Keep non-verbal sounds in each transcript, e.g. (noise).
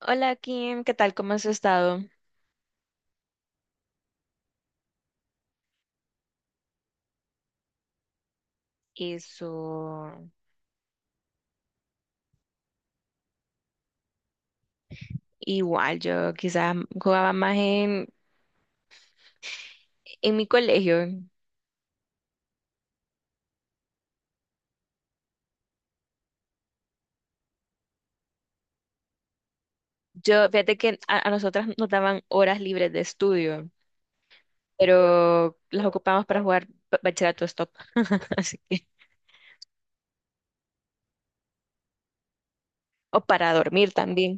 Hola Kim, ¿qué tal? ¿Cómo has estado? Eso, igual, yo quizás jugaba más en mi colegio. Yo, fíjate que a nosotras nos daban horas libres de estudio, pero las ocupamos para jugar bachillerato stop, (laughs) así que, o para dormir también.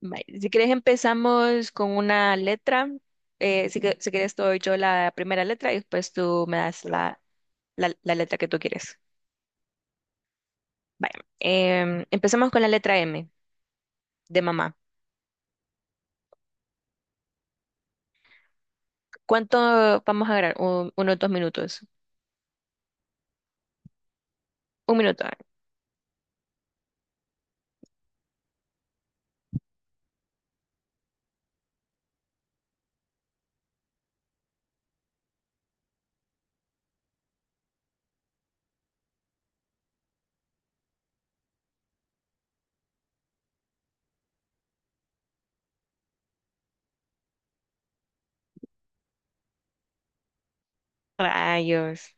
Vaya, si quieres empezamos con una letra. Si, si quieres doy yo la primera letra y después tú me das la letra que tú quieres. Vaya, empezamos con la letra M de mamá. ¿Cuánto vamos a grabar? Unos 2 minutos. 1 minuto. Rayos.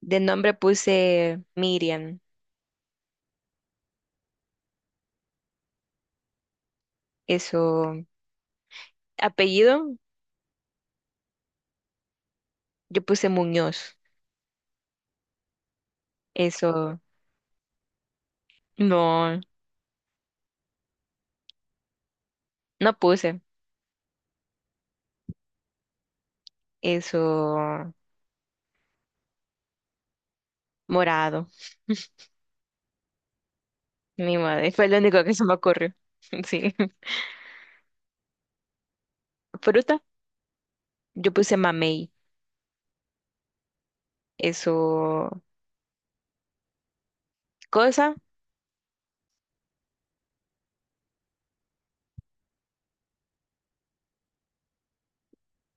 De nombre puse Miriam. Eso. Apellido, yo puse Muñoz. Eso. No, no puse. Eso. Morado. Mi madre. Fue lo único que se me ocurrió. (laughs) Sí. Fruta, yo puse mamey. Eso. Cosa,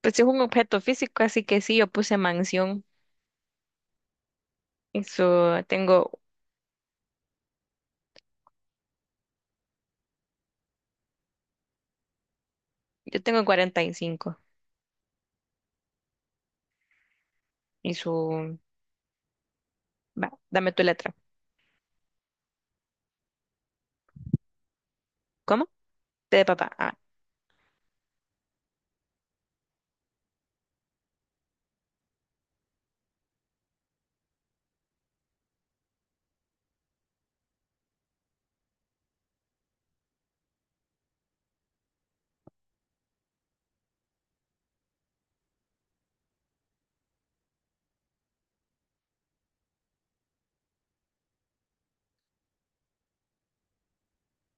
pues es un objeto físico, así que sí, yo puse mansión. Eso. Yo tengo 45. Eso. Va, dame tu letra. ¿Cómo? T de papá. Ah.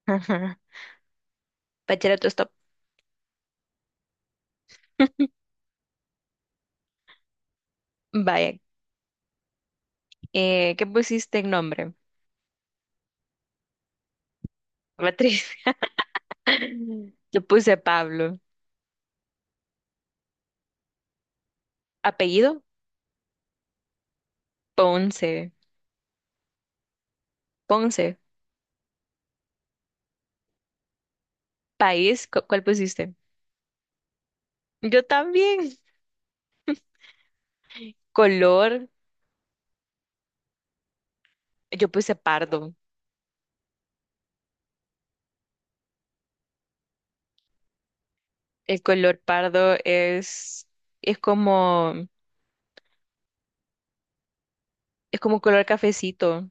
(laughs) Bachillerato, stop. Vaya. ¿Qué pusiste en nombre? Beatriz. (laughs) Yo puse Pablo. Apellido, Ponce. Ponce. País, ¿cuál pusiste? Yo también. Color, yo puse pardo. El color pardo es como, es como color cafecito.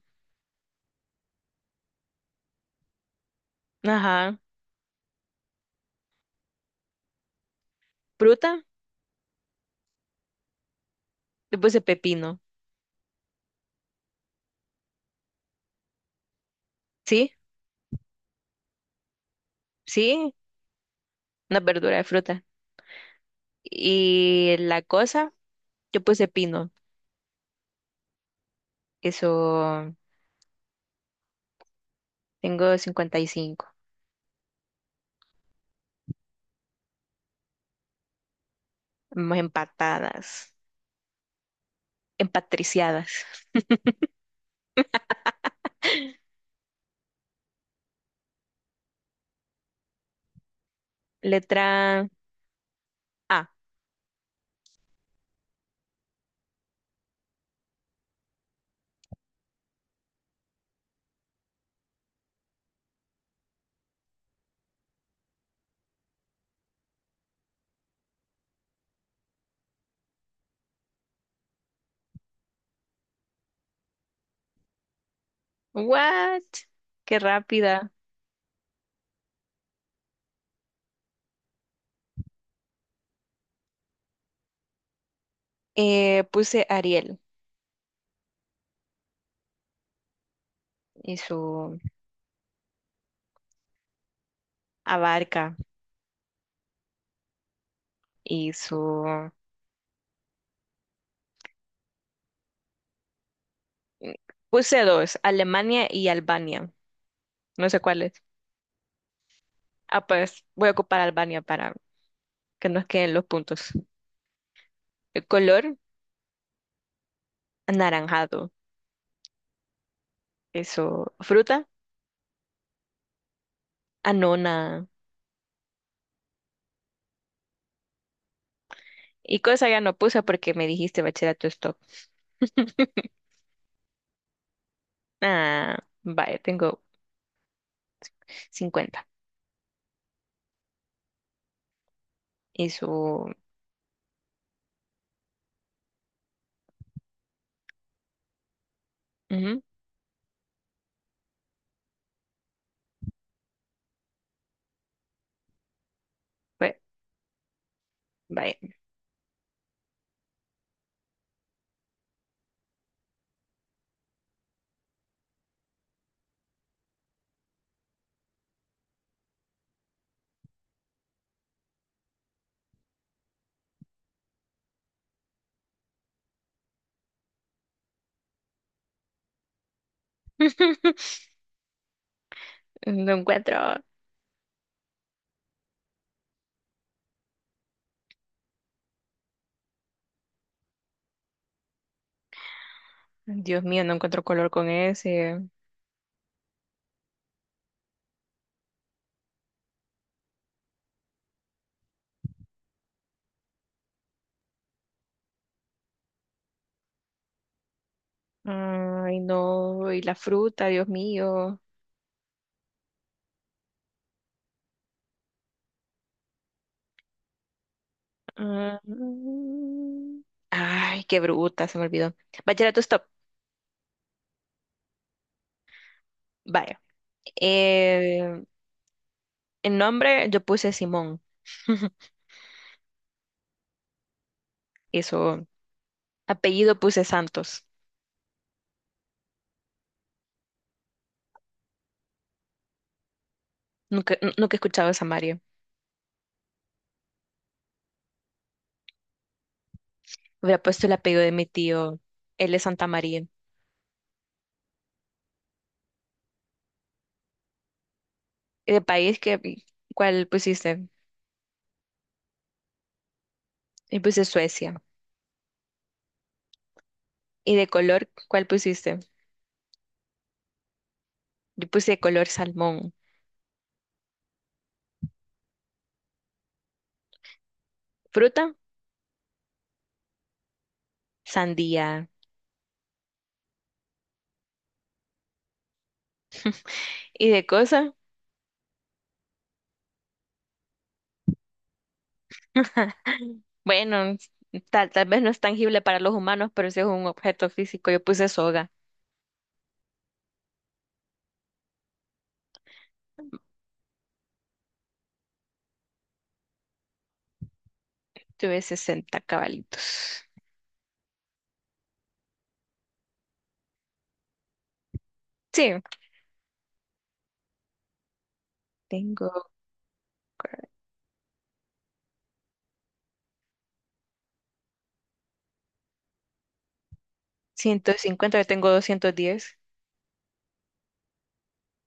Ajá. Fruta, yo puse pepino. ¿Sí? ¿Sí? Una verdura de fruta. Y la cosa. Yo puse pino. Eso, tengo 55. Vamos empatadas, empatriciadas. Letra A. What? Qué rápida. Puse Ariel y su Abarca y su... Puse dos, Alemania y Albania. No sé cuáles. Ah, pues voy a ocupar Albania para que nos queden los puntos. El color, anaranjado. Eso, fruta, anona. Y cosa ya no puse porque me dijiste bachillerato. (laughs) Ah, vaya, tengo 50. Y su... ujú, fue- vaya. (laughs) No encuentro. Dios mío, no encuentro color con ese. Ay, no. Y la fruta, Dios mío. Ah, mm. Ay, qué bruta, se me olvidó. Bachillerato, stop. Vaya. Eh, el nombre yo puse Simón. (laughs) Eso, apellido puse Santos. Nunca he escuchado a Samario. Hubiera puesto el apellido de mi tío. Él es Santa María. Y de país, que, ¿cuál pusiste? Yo puse Suecia. ¿Y de color, cuál pusiste? Yo puse color salmón. Fruta, sandía. ¿Y de cosa? (laughs) Bueno, tal vez no es tangible para los humanos, pero sí es un objeto físico. Yo puse soga. Tuve 60 cabalitos. Sí, tengo 150. Yo tengo 210.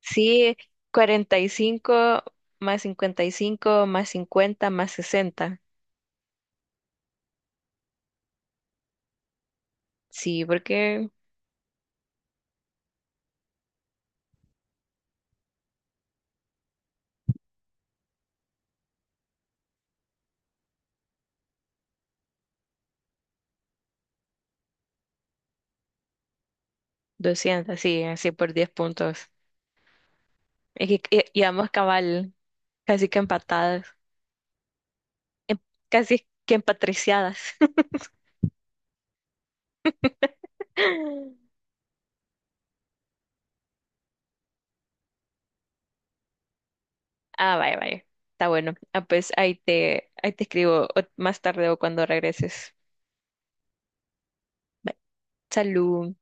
Sí, 45 más 55 más 50 más 60. Sí, porque 200, sí, así por 10 puntos. Es que íbamos cabal, casi que empatadas, em- casi que empatriciadas. (laughs) Ah, vaya, vaya. Está bueno. Ah, pues ahí te escribo más tarde o cuando regreses. Bye. Salud.